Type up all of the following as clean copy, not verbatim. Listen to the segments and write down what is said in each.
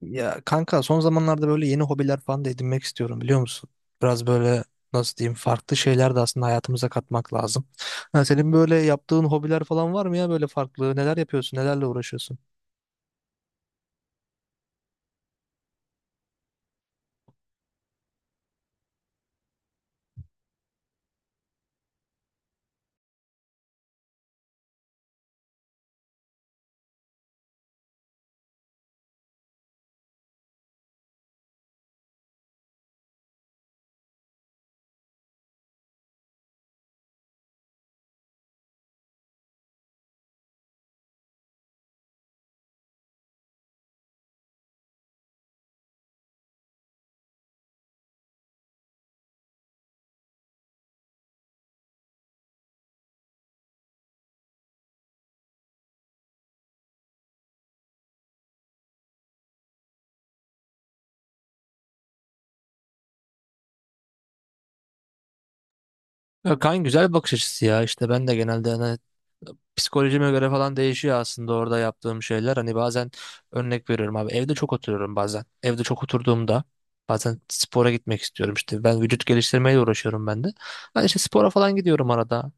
Ya kanka son zamanlarda böyle yeni hobiler falan da edinmek istiyorum biliyor musun? Biraz böyle, nasıl diyeyim, farklı şeyler de aslında hayatımıza katmak lazım. Ha, senin böyle yaptığın hobiler falan var mı ya böyle farklı? Neler yapıyorsun? Nelerle uğraşıyorsun? Ya kan, güzel bir bakış açısı ya. İşte ben de genelde hani psikolojime göre falan değişiyor aslında orada yaptığım şeyler. Hani bazen örnek veriyorum abi, evde çok oturuyorum bazen. Evde çok oturduğumda bazen spora gitmek istiyorum işte. Ben vücut geliştirmeyle uğraşıyorum ben de. Ben işte spora falan gidiyorum arada.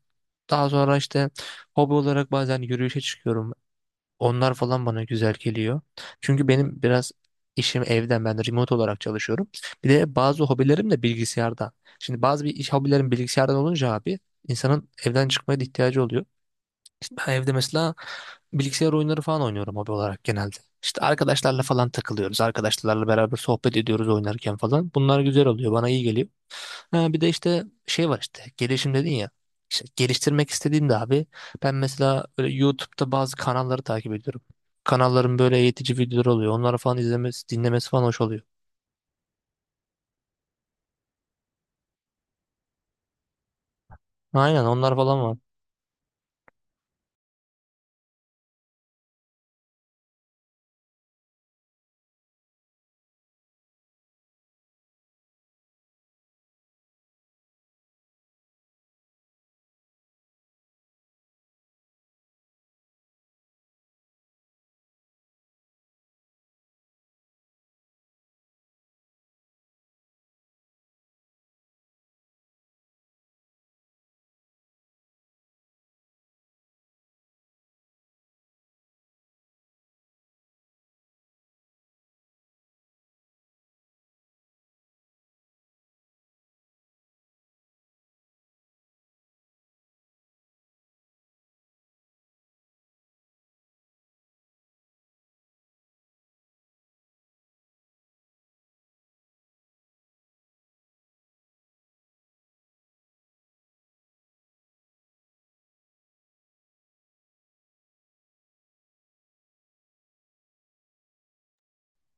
Daha sonra işte hobi olarak bazen yürüyüşe çıkıyorum. Onlar falan bana güzel geliyor. Çünkü benim biraz işim evden, ben de remote olarak çalışıyorum. Bir de bazı hobilerim de bilgisayardan. Şimdi bazı bir iş hobilerim bilgisayardan olunca abi, insanın evden çıkmaya da ihtiyacı oluyor. İşte ben evde mesela bilgisayar oyunları falan oynuyorum hobi olarak genelde. İşte arkadaşlarla falan takılıyoruz. Arkadaşlarla beraber sohbet ediyoruz oynarken falan. Bunlar güzel oluyor. Bana iyi geliyor. Ha, bir de işte şey var, işte gelişim dedin ya. İşte geliştirmek istediğimde abi, ben mesela böyle YouTube'da bazı kanalları takip ediyorum. Kanalların böyle eğitici videoları oluyor. Onları falan izlemesi, dinlemesi falan hoş oluyor. Aynen, onlar falan var.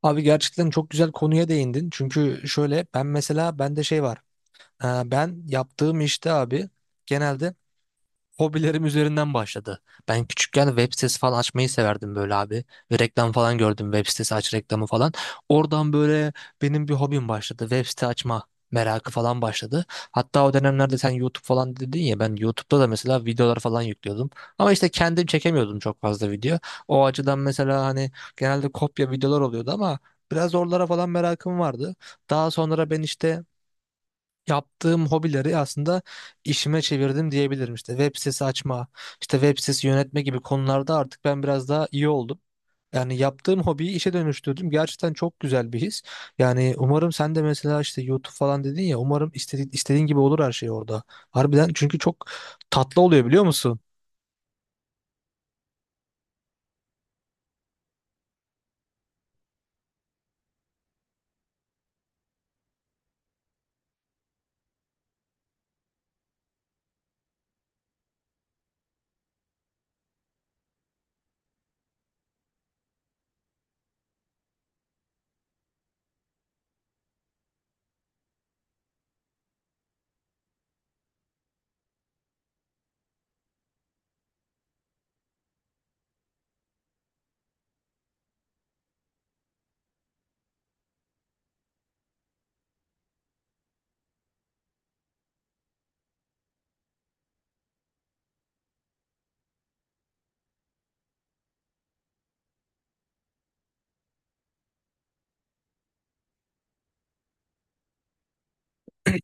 Abi gerçekten çok güzel konuya değindin. Çünkü şöyle, ben mesela bende şey var. Ben yaptığım işte abi, genelde hobilerim üzerinden başladı. Ben küçükken web sitesi falan açmayı severdim böyle abi. Ve reklam falan gördüm, web sitesi aç reklamı falan. Oradan böyle benim bir hobim başladı. Web site açma merakı falan başladı. Hatta o dönemlerde sen YouTube falan dedin ya, ben YouTube'da da mesela videolar falan yüklüyordum. Ama işte kendim çekemiyordum çok fazla video. O açıdan mesela hani genelde kopya videolar oluyordu ama biraz oralara falan merakım vardı. Daha sonra ben işte yaptığım hobileri aslında işime çevirdim diyebilirim. İşte web sitesi açma, işte web sitesi yönetme gibi konularda artık ben biraz daha iyi oldum. Yani yaptığım hobiyi işe dönüştürdüm. Gerçekten çok güzel bir his. Yani umarım sen de mesela işte YouTube falan dedin ya, umarım istediğin, istediğin gibi olur her şey orada. Harbiden, çünkü çok tatlı oluyor biliyor musun?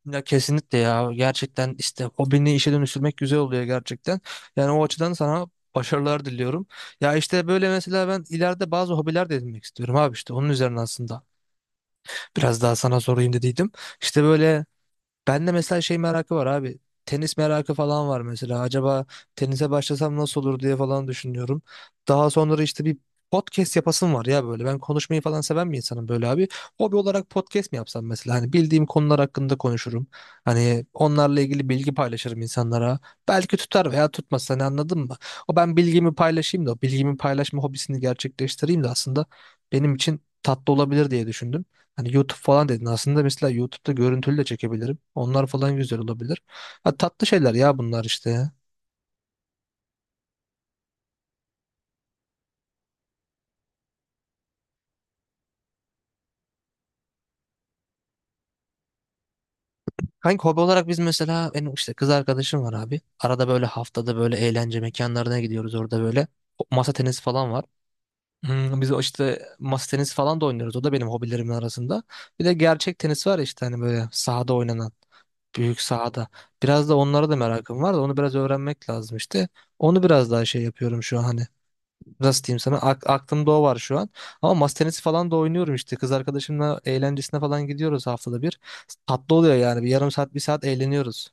Ya kesinlikle ya, gerçekten işte hobini işe dönüştürmek güzel oluyor gerçekten. Yani o açıdan sana başarılar diliyorum. Ya işte böyle mesela ben ileride bazı hobiler de edinmek istiyorum abi, işte onun üzerine aslında biraz daha sana sorayım dediydim. İşte böyle ben de mesela şey merakı var abi. Tenis merakı falan var mesela. Acaba tenise başlasam nasıl olur diye falan düşünüyorum. Daha sonra işte bir podcast yapasım var ya böyle. Ben konuşmayı falan seven bir insanım böyle abi. Hobi olarak podcast mi yapsam mesela? Hani bildiğim konular hakkında konuşurum. Hani onlarla ilgili bilgi paylaşırım insanlara. Belki tutar veya tutmaz. Hani anladın mı? O ben bilgimi paylaşayım da o bilgimi paylaşma hobisini gerçekleştireyim de aslında benim için tatlı olabilir diye düşündüm. Hani YouTube falan dedin. Aslında mesela YouTube'da görüntülü de çekebilirim. Onlar falan güzel olabilir. Ha, tatlı şeyler ya bunlar işte ya. Kanka hobi olarak biz mesela, benim işte kız arkadaşım var abi. Arada böyle haftada böyle eğlence mekanlarına gidiyoruz, orada böyle masa tenisi falan var. Hmm, biz o işte masa tenisi falan da oynuyoruz. O da benim hobilerimin arasında. Bir de gerçek tenis var ya işte, hani böyle sahada oynanan. Büyük sahada. Biraz da onlara da merakım var da onu biraz öğrenmek lazım işte. Onu biraz daha şey yapıyorum şu an hani, nasıl diyeyim sana, aklımda o var şu an. Ama masa tenisi falan da oynuyorum işte. Kız arkadaşımla eğlencesine falan gidiyoruz haftada bir. Tatlı oluyor yani. Bir yarım saat bir saat eğleniyoruz.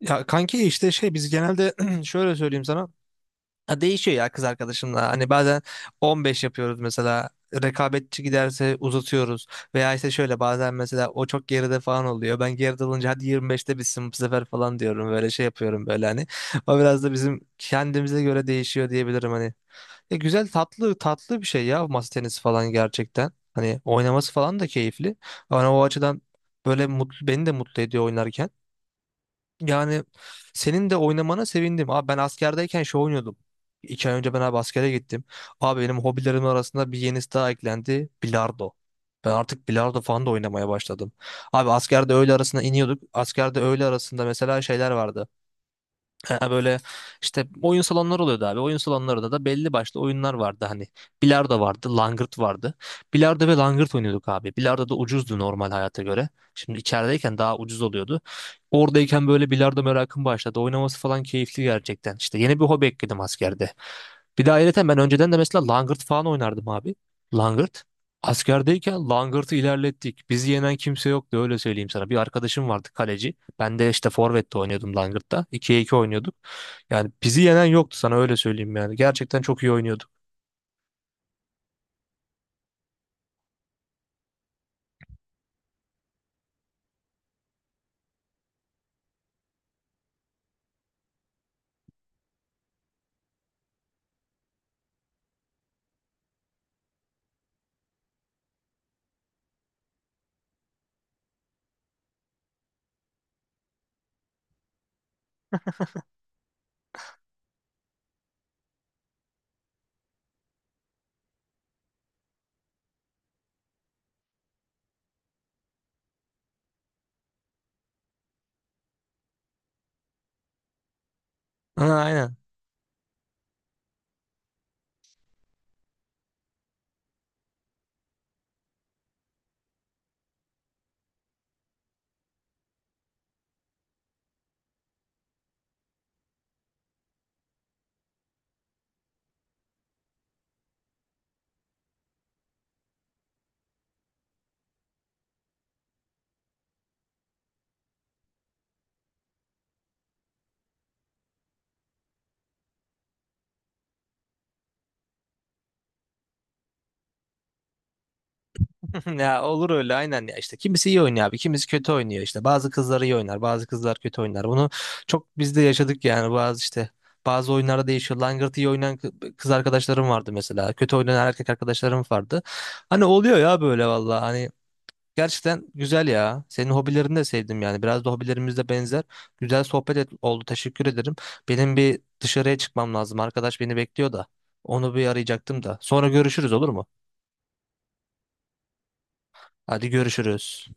Ya kanki işte şey, biz genelde şöyle söyleyeyim sana. Ha, değişiyor ya kız arkadaşımla. Hani bazen 15 yapıyoruz mesela. Rekabetçi giderse uzatıyoruz. Veya işte şöyle bazen mesela o çok geride falan oluyor. Ben geride olunca hadi 25'te bitsin bu sefer falan diyorum. Böyle şey yapıyorum böyle hani. O biraz da bizim kendimize göre değişiyor diyebilirim hani. Güzel tatlı tatlı bir şey ya masa tenisi falan gerçekten. Hani oynaması falan da keyifli. Ama o açıdan böyle mutlu, beni de mutlu ediyor oynarken. Yani senin de oynamana sevindim. Abi ben askerdeyken şey oynuyordum. İki ay önce ben abi askere gittim. Abi benim hobilerim arasında bir yenisi daha eklendi. Bilardo. Ben artık bilardo falan da oynamaya başladım. Abi askerde öğle arasında iniyorduk. Askerde öğle arasında mesela şeyler vardı. Ha, böyle işte oyun salonları oluyordu abi. Oyun salonlarında da belli başlı oyunlar vardı hani. Bilardo vardı, langırt vardı. Bilardo ve langırt oynuyorduk abi. Bilardo da ucuzdu normal hayata göre. Şimdi içerideyken daha ucuz oluyordu. Oradayken böyle bilardo merakım başladı. Oynaması falan keyifli gerçekten. İşte yeni bir hobi ekledim askerde. Bir de ayrıca ben önceden de mesela langırt falan oynardım abi. Langırt. Askerdeyken Langırt'ı ilerlettik. Bizi yenen kimse yoktu öyle söyleyeyim sana. Bir arkadaşım vardı kaleci. Ben de işte forvette oynuyordum Langırt'ta. 2'ye 2 oynuyorduk. Yani bizi yenen yoktu sana öyle söyleyeyim yani. Gerçekten çok iyi oynuyorduk. Ha, aynen. Ya olur öyle aynen ya, işte kimisi iyi oynuyor abi kimisi kötü oynuyor, işte bazı kızlar iyi oynar bazı kızlar kötü oynar, bunu çok biz de yaşadık yani. Bazı oyunlarda değişiyor, langırt iyi oynayan kız arkadaşlarım vardı mesela, kötü oynayan erkek arkadaşlarım vardı, hani oluyor ya böyle. Valla hani gerçekten güzel ya, senin hobilerini de sevdim yani, biraz da hobilerimiz de benzer. Güzel oldu, teşekkür ederim. Benim bir dışarıya çıkmam lazım, arkadaş beni bekliyor da onu bir arayacaktım da, sonra görüşürüz olur mu? Hadi görüşürüz.